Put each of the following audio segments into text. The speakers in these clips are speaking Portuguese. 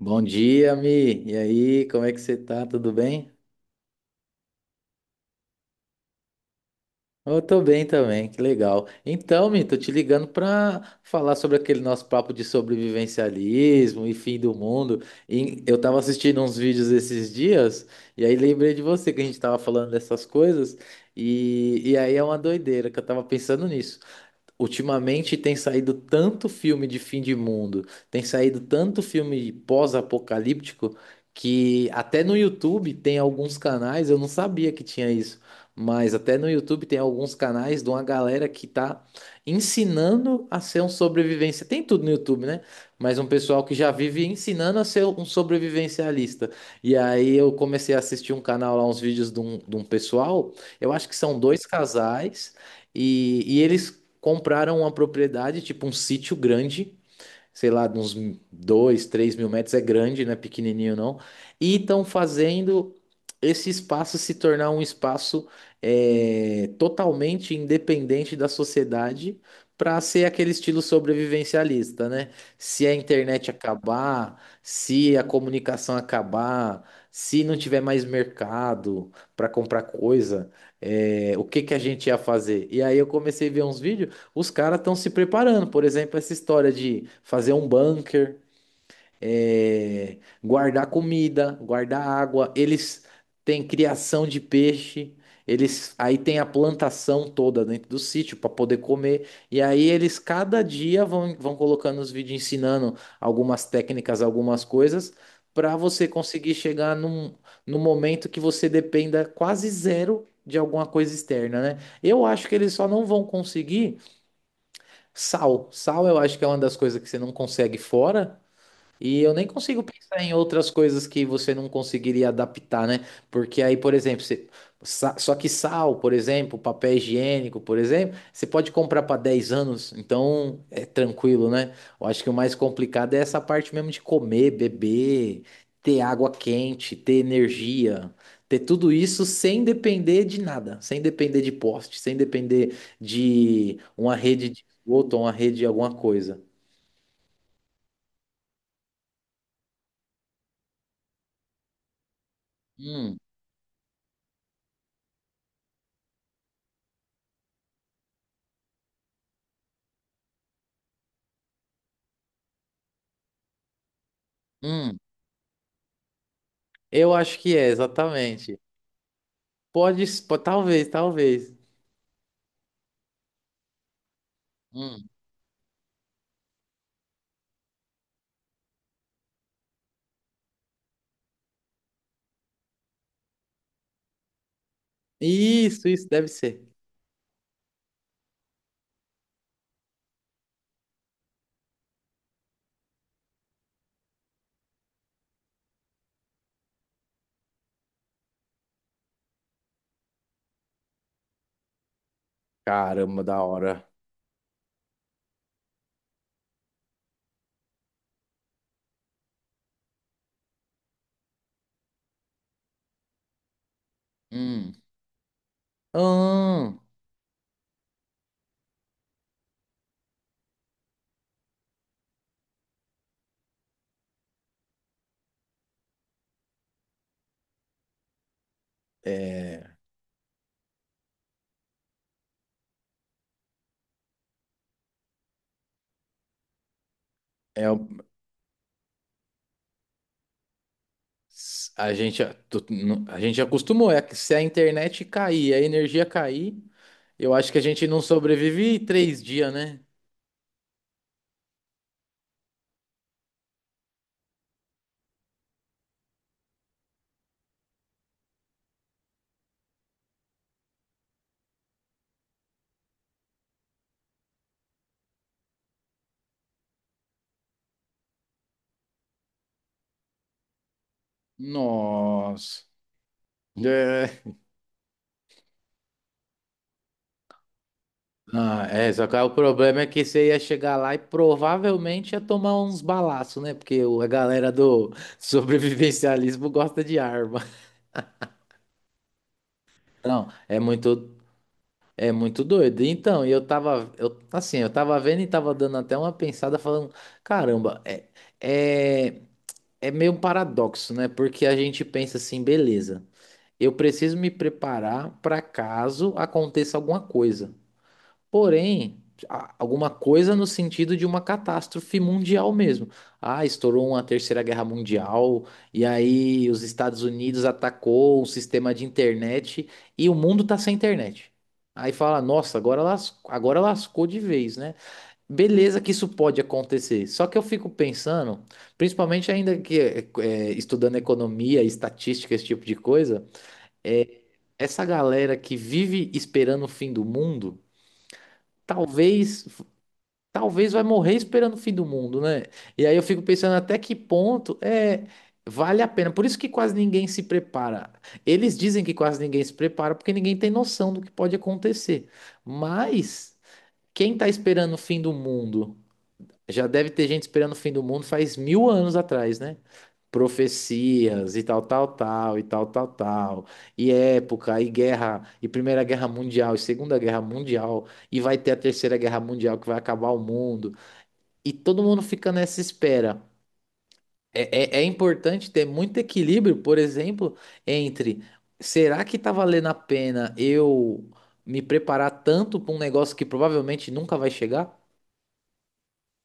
Bom dia, Mi. E aí, como é que você tá? Tudo bem? Eu tô bem também, que legal. Então, Mi, tô te ligando pra falar sobre aquele nosso papo de sobrevivencialismo e fim do mundo. E eu tava assistindo uns vídeos esses dias, e aí lembrei de você que a gente tava falando dessas coisas, e aí é uma doideira que eu tava pensando nisso. Ultimamente tem saído tanto filme de fim de mundo, tem saído tanto filme pós-apocalíptico, que até no YouTube tem alguns canais, eu não sabia que tinha isso, mas até no YouTube tem alguns canais de uma galera que tá ensinando a ser um sobrevivência. Tem tudo no YouTube, né? Mas um pessoal que já vive ensinando a ser um sobrevivencialista. E aí eu comecei a assistir um canal lá, uns vídeos de um pessoal, eu acho que são dois casais. E eles compraram uma propriedade, tipo um sítio grande, sei lá, de uns 2 3 mil metros, é grande, não é pequenininho não, e estão fazendo esse espaço se tornar um espaço totalmente independente da sociedade para ser aquele estilo sobrevivencialista, né? Se a internet acabar, se a comunicação acabar, se não tiver mais mercado para comprar coisa, o que que a gente ia fazer? E aí eu comecei a ver uns vídeos, os caras estão se preparando, por exemplo, essa história de fazer um bunker, guardar comida, guardar água. Eles têm criação de peixe, eles aí tem a plantação toda dentro do sítio para poder comer. E aí eles cada dia vão colocando os vídeos ensinando algumas técnicas, algumas coisas, para você conseguir chegar num momento que você dependa quase zero de alguma coisa externa, né? Eu acho que eles só não vão conseguir. Sal. Sal eu acho que é uma das coisas que você não consegue fora. E eu nem consigo pensar em outras coisas que você não conseguiria adaptar, né? Porque aí, por exemplo, só que sal, por exemplo, papel higiênico, por exemplo, você pode comprar para 10 anos, então é tranquilo, né? Eu acho que o mais complicado é essa parte mesmo de comer, beber, ter água quente, ter energia, ter tudo isso sem depender de nada, sem depender de poste, sem depender de uma rede de esgoto ou uma rede de alguma coisa. Hum, hum. Eu acho que é, exatamente. Pode, talvez, talvez. Hum. Isso deve ser. Caramba, da hora. Hum. Hum. É, é, o- a gente acostumou, é que se a internet cair, a energia cair, eu acho que a gente não sobrevive 3 dias, né? Nossa. Ah, é, só que aí o problema é que você ia chegar lá e provavelmente ia tomar uns balaços, né? Porque a galera do sobrevivencialismo gosta de arma. Não, é muito doido. Então, e eu, assim, eu tava vendo e tava dando até uma pensada falando, caramba, é, é meio um paradoxo, né? Porque a gente pensa assim, beleza, eu preciso me preparar para caso aconteça alguma coisa. Porém, alguma coisa no sentido de uma catástrofe mundial mesmo. Ah, estourou uma Terceira Guerra Mundial, e aí os Estados Unidos atacou o sistema de internet e o mundo tá sem internet. Aí fala, nossa, agora lascou de vez, né? Beleza que isso pode acontecer. Só que eu fico pensando, principalmente ainda que estudando economia, estatística, esse tipo de coisa, é, essa galera que vive esperando o fim do mundo, talvez talvez vai morrer esperando o fim do mundo, né? E aí eu fico pensando até que ponto vale a pena. Por isso que quase ninguém se prepara. Eles dizem que quase ninguém se prepara porque ninguém tem noção do que pode acontecer. Mas quem tá esperando o fim do mundo? Já deve ter gente esperando o fim do mundo faz mil anos atrás, né? Profecias e tal, tal, tal, e tal, tal, tal, e época, e guerra, e Primeira Guerra Mundial, e Segunda Guerra Mundial, e vai ter a Terceira Guerra Mundial que vai acabar o mundo e todo mundo fica nessa espera. É importante ter muito equilíbrio, por exemplo, entre, será que tá valendo a pena eu me preparar tanto para um negócio que provavelmente nunca vai chegar?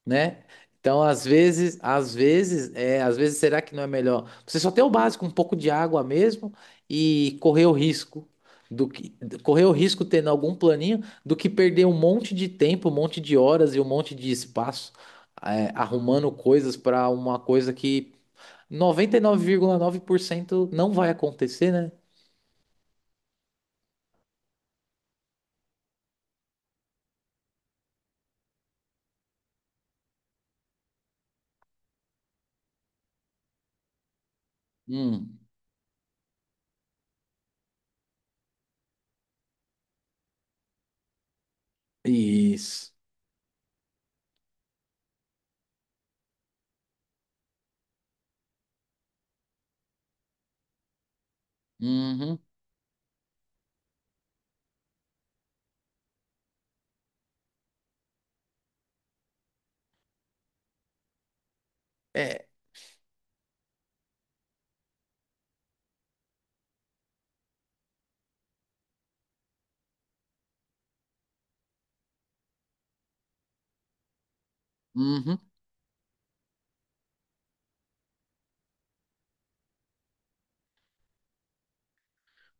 Né? Então, às vezes, será que não é melhor você só ter o básico, um pouco de água mesmo e correr o risco, do que correr o risco tendo algum planinho, do que perder um monte de tempo, um monte de horas e um monte de espaço arrumando coisas para uma coisa que noventa e nove nove vírgula nove por cento não vai acontecer, né? Hum, isso. Uhum. É. Uhum.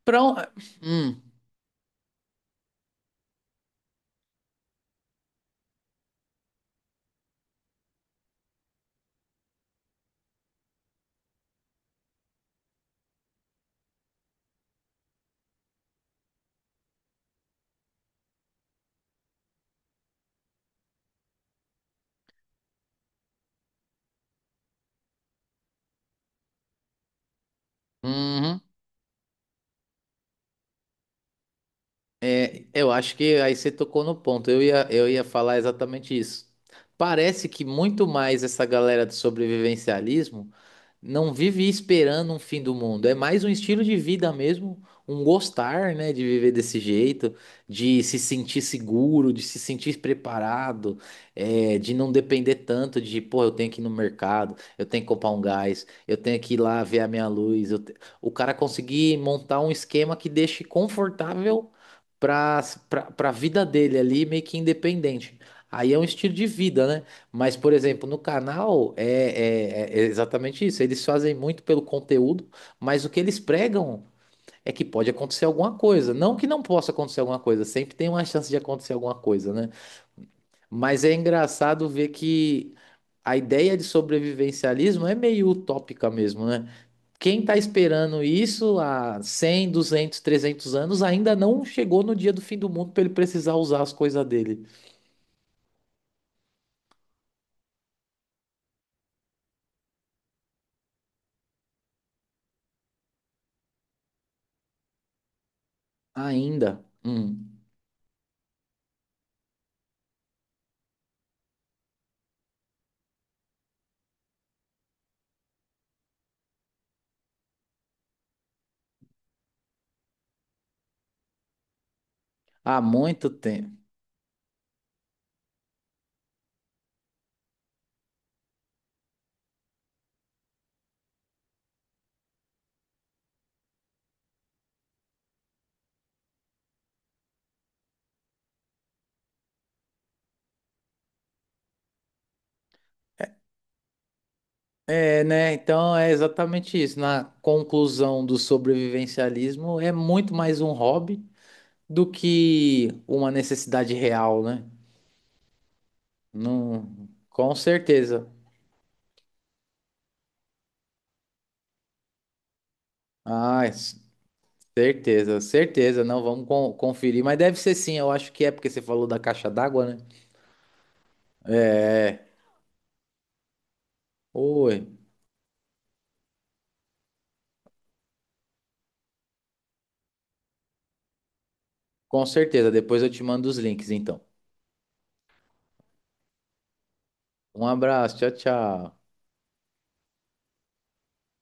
Pra um- Hum. Uhum. É, eu acho que aí você tocou no ponto. Eu ia falar exatamente isso. Parece que muito mais essa galera do sobrevivencialismo não vive esperando um fim do mundo. É mais um estilo de vida mesmo, um gostar, né, de viver desse jeito, de se sentir seguro, de se sentir preparado, de não depender tanto de, pô, eu tenho que ir no mercado, eu tenho que comprar um gás, eu tenho que ir lá ver a minha luz. O cara conseguir montar um esquema que deixe confortável para para a vida dele ali, meio que independente. Aí é um estilo de vida, né? Mas, por exemplo, no canal é exatamente isso. Eles fazem muito pelo conteúdo, mas o que eles pregam é que pode acontecer alguma coisa. Não que não possa acontecer alguma coisa, sempre tem uma chance de acontecer alguma coisa, né? Mas é engraçado ver que a ideia de sobrevivencialismo é meio utópica mesmo, né? Quem tá esperando isso há 100, 200, 300 anos ainda não chegou no dia do fim do mundo para ele precisar usar as coisas dele. Ainda. Hum. Há muito tempo. É, né? Então é exatamente isso. Na conclusão do sobrevivencialismo, é muito mais um hobby do que uma necessidade real, né? Não, com certeza. Ah, certeza, certeza. Não, vamos conferir. Mas deve ser sim, eu acho que é porque você falou da caixa d'água, né? É. Oi, com certeza. Depois eu te mando os links, então. Um abraço, tchau, tchau.